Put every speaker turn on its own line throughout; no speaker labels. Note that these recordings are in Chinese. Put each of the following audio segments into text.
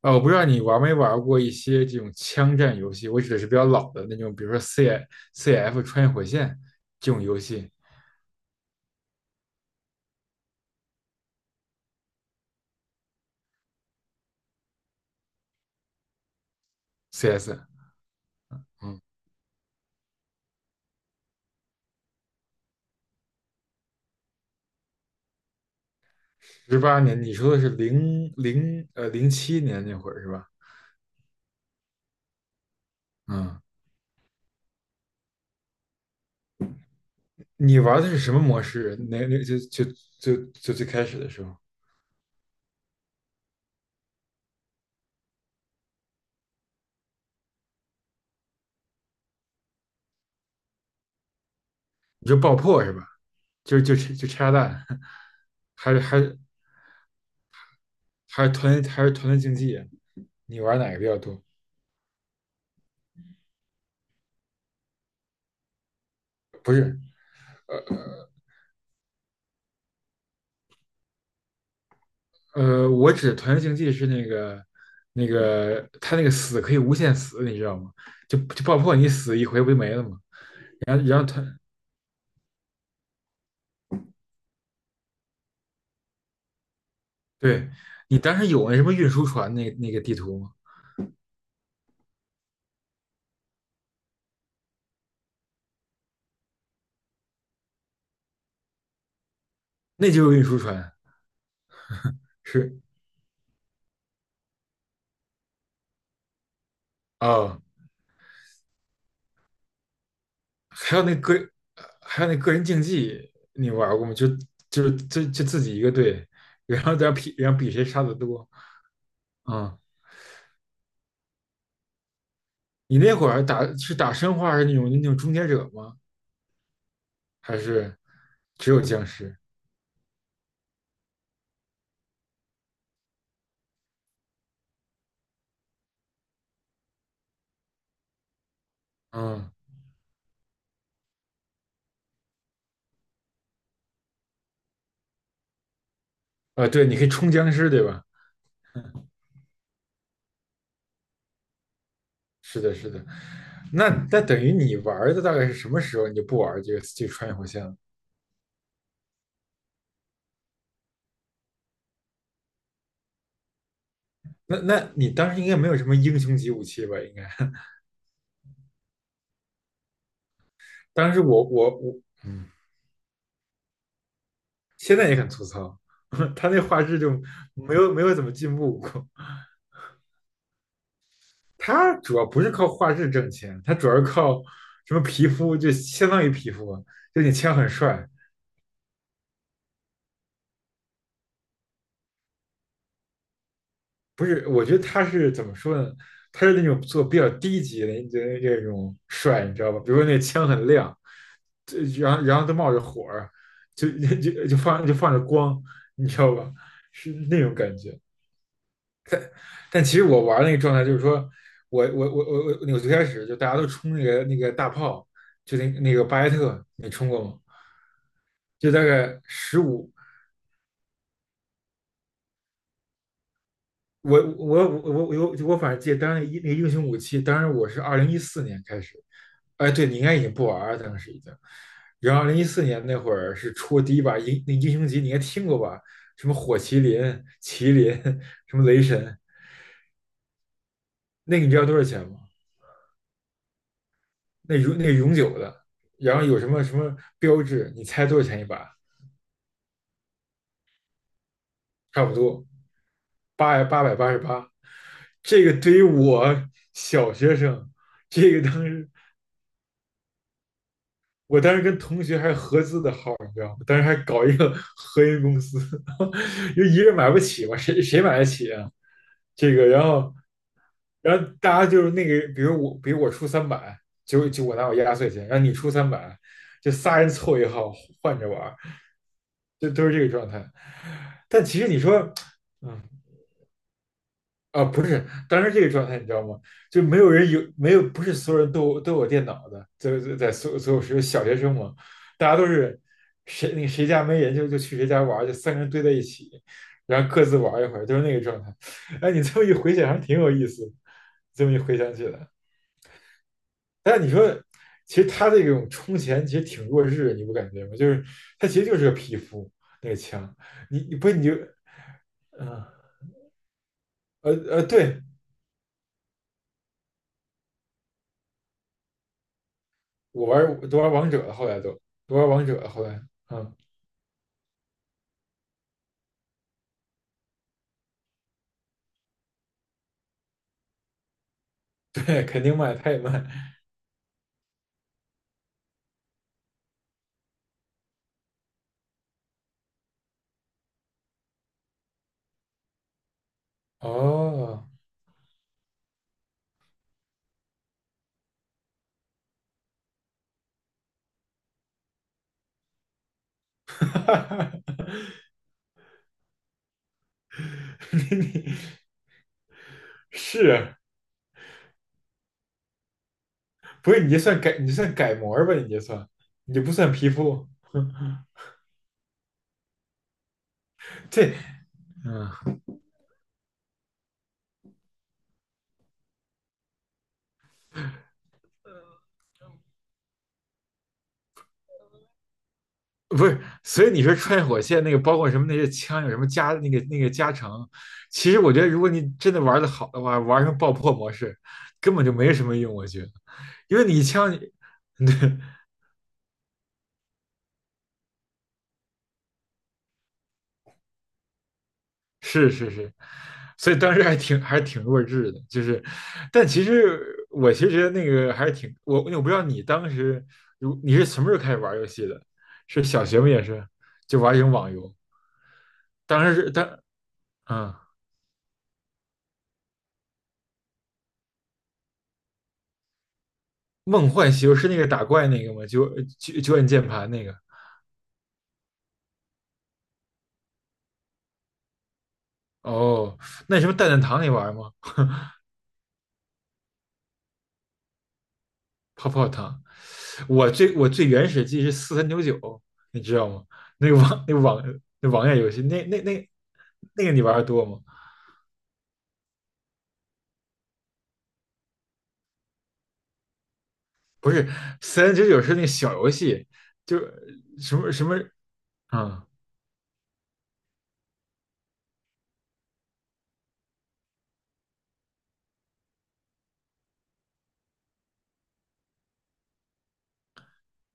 啊，我不知道你玩没玩过一些这种枪战游戏，我指的是比较老的那种，比如说 C F 穿越火线这种游戏，CS。嗯。18年，你说的是07年那会儿是吧？嗯。你玩的是什么模式？那那就就就就最开始的时候，你就爆破是吧？就拆炸弹，还是还是还是团队竞技啊？你玩哪个比较多？不是，我指的团队竞技是那个他那个死可以无限死，你知道吗？就爆破你死一回不就没了吗？然后他，对。你当时有那什么运输船那个地图吗？那就是运输船。是。哦。还有那个还有那个人竞技你玩过吗？就自己一个队，然后在那比，然后比谁杀的多。嗯。你那会儿打是打生化是那种终结者吗？还是只有僵尸？嗯。啊，对，你可以冲僵尸，对吧？是的，是的。那等于你玩的大概是什么时候你就不玩这个穿越火线了？那你当时应该没有什么英雄级武器吧？应该 当时我，现在也很粗糙。他那画质就没有怎么进步过。他主要不是靠画质挣钱，他主要是靠什么皮肤，就相当于皮肤啊，就你枪很帅。不是，我觉得他是怎么说呢？他是那种做比较低级的你觉得那种帅，你知道吧？比如说那枪很亮，然后都冒着火，就就放着光，你知道吧？是那种感觉。但其实我玩那个状态就是说，我最开始就大家都冲那个大炮，就那个巴雷特，你冲过吗？就大概15。我反正记得当时那个英雄武器，当时我是二零一四年开始。哎，对，你应该已经不玩了，当时已经。然后二零一四年那会儿是出第一把那英雄级，你应该听过吧？什么火麒麟、麒麟，什么雷神。那个你知道多少钱吗？那个永久的，然后有什么什么标志，你猜多少钱一把？差不多888。这个对于我小学生，这个当时，我当时跟同学还合资的号，你知道吗？当时还搞一个合营公司，因为一个人买不起嘛，谁买得起啊？这个，然后，然后大家就是那个，比如我，出三百，就我拿我压岁钱，然后你出三百，就仨人凑一号换着玩儿，就都是这个状态。但其实你说，嗯，啊，不是，当时这个状态你知道吗？就没有人有，没有，不是所有人都有电脑的，在所有时候小学生嘛，大家都是谁那个谁家没人就去谁家玩儿，就三个人堆在一起，然后各自玩儿一会儿，就是那个状态。哎，你这么一回想，还挺有意思的，这么一回想起来。但你说，其实他这种充钱其实挺弱智的，你不感觉吗？就是他其实就是个皮肤那个枪。你不是你就，嗯，对，我玩都玩王者了，后来都玩王者了，后来，嗯。对，肯定卖，他也卖。哦。哈。你是啊，不是你就算改你算改模吧？你就算你就不算皮肤，这，嗯，不是。所以你说穿越火线那个，包括什么那些枪有什么加那个加成，其实我觉得如果你真的玩的好的话，玩成爆破模式根本就没什么用，我觉得，因为你枪。对。 是是是。所以当时还挺，还是挺弱智的，就是，但其实我其实觉得那个还是挺不知道你当时你是什么时候开始玩游戏的？是小学不也是就玩一种网游？当时是当，嗯，梦幻西游是那个打怪那个吗？就按键盘那个？哦，那什么蛋蛋糖你玩吗？泡泡糖。我最原始记忆是四三九九，你知道吗？那个网那个网那网页游戏，那个你玩的多吗？不是，四三九九是那个小游戏，就什么什么啊、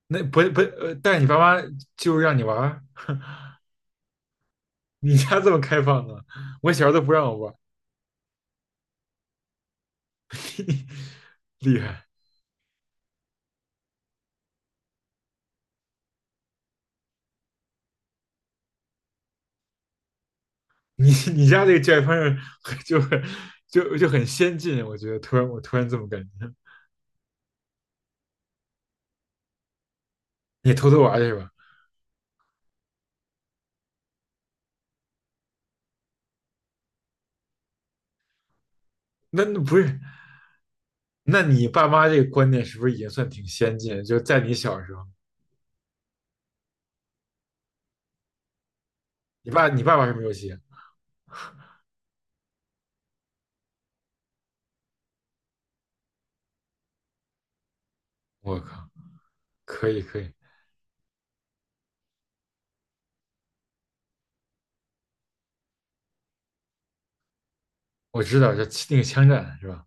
那不不，但是你爸妈就是让你玩儿，你家这么开放啊？我小时候都不让我玩儿。厉害！你家这个教育方式就是很先进，我觉得突然我突然这么感觉，你偷偷玩儿去吧？那不是？那你爸妈这个观念是不是已经算挺先进？就在你小时候，你爸玩什么游戏啊？我靠，可以可以，我知道，就那个枪战是吧？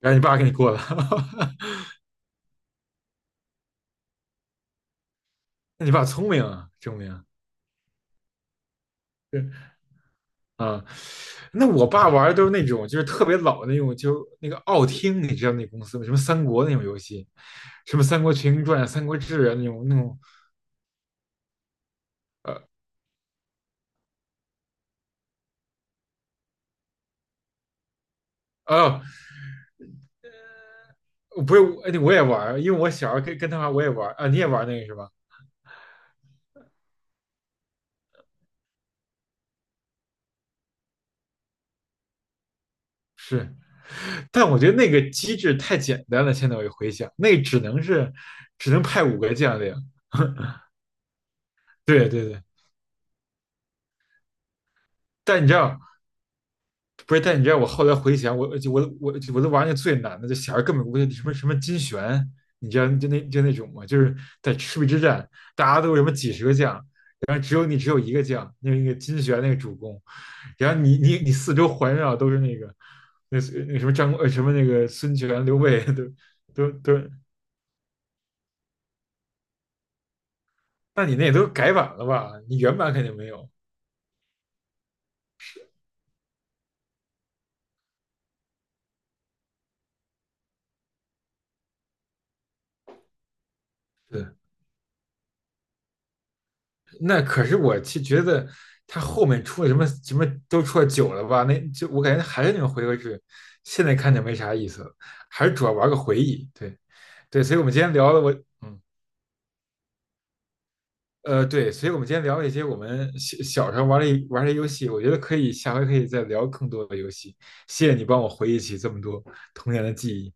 让你爸给你过了。那你爸聪明啊，证明对，啊。那我爸玩的都是那种就是特别老的那种，就那个奥汀，你知道那公司吗？什么三国那种游戏，什么《三国群英传》《三国志》啊，那种呃哦，不是，我也玩，因为我小时候跟他玩，我也玩啊，你也玩那个是吧？是，但我觉得那个机制太简单了。现在我一回想，那只能是只能派五个将领。对对对，但你知道，不是，但你知道我后来回想，我就我我我都玩那最难的，就小孩根本不会什么什么金旋，你知道就那就那种嘛，就是在赤壁之战，大家都有什么几十个将，然后只有你只有一个将，那个金旋那个主公，然后你四周环绕都是那个那那什么张什么那个孙权刘备。 都，那你那也都改版了吧？你原版肯定没有。对，那可是我其实觉得他后面出了什么什么都出了久了吧？那就我感觉还是那种回合制，现在看着没啥意思了，还是主要玩个回忆。对。对，所以我们今天聊的我，嗯，对，所以我们今天聊了一些我们小时候玩的游戏，我觉得可以下回可以再聊更多的游戏。谢谢你帮我回忆起这么多童年的记忆。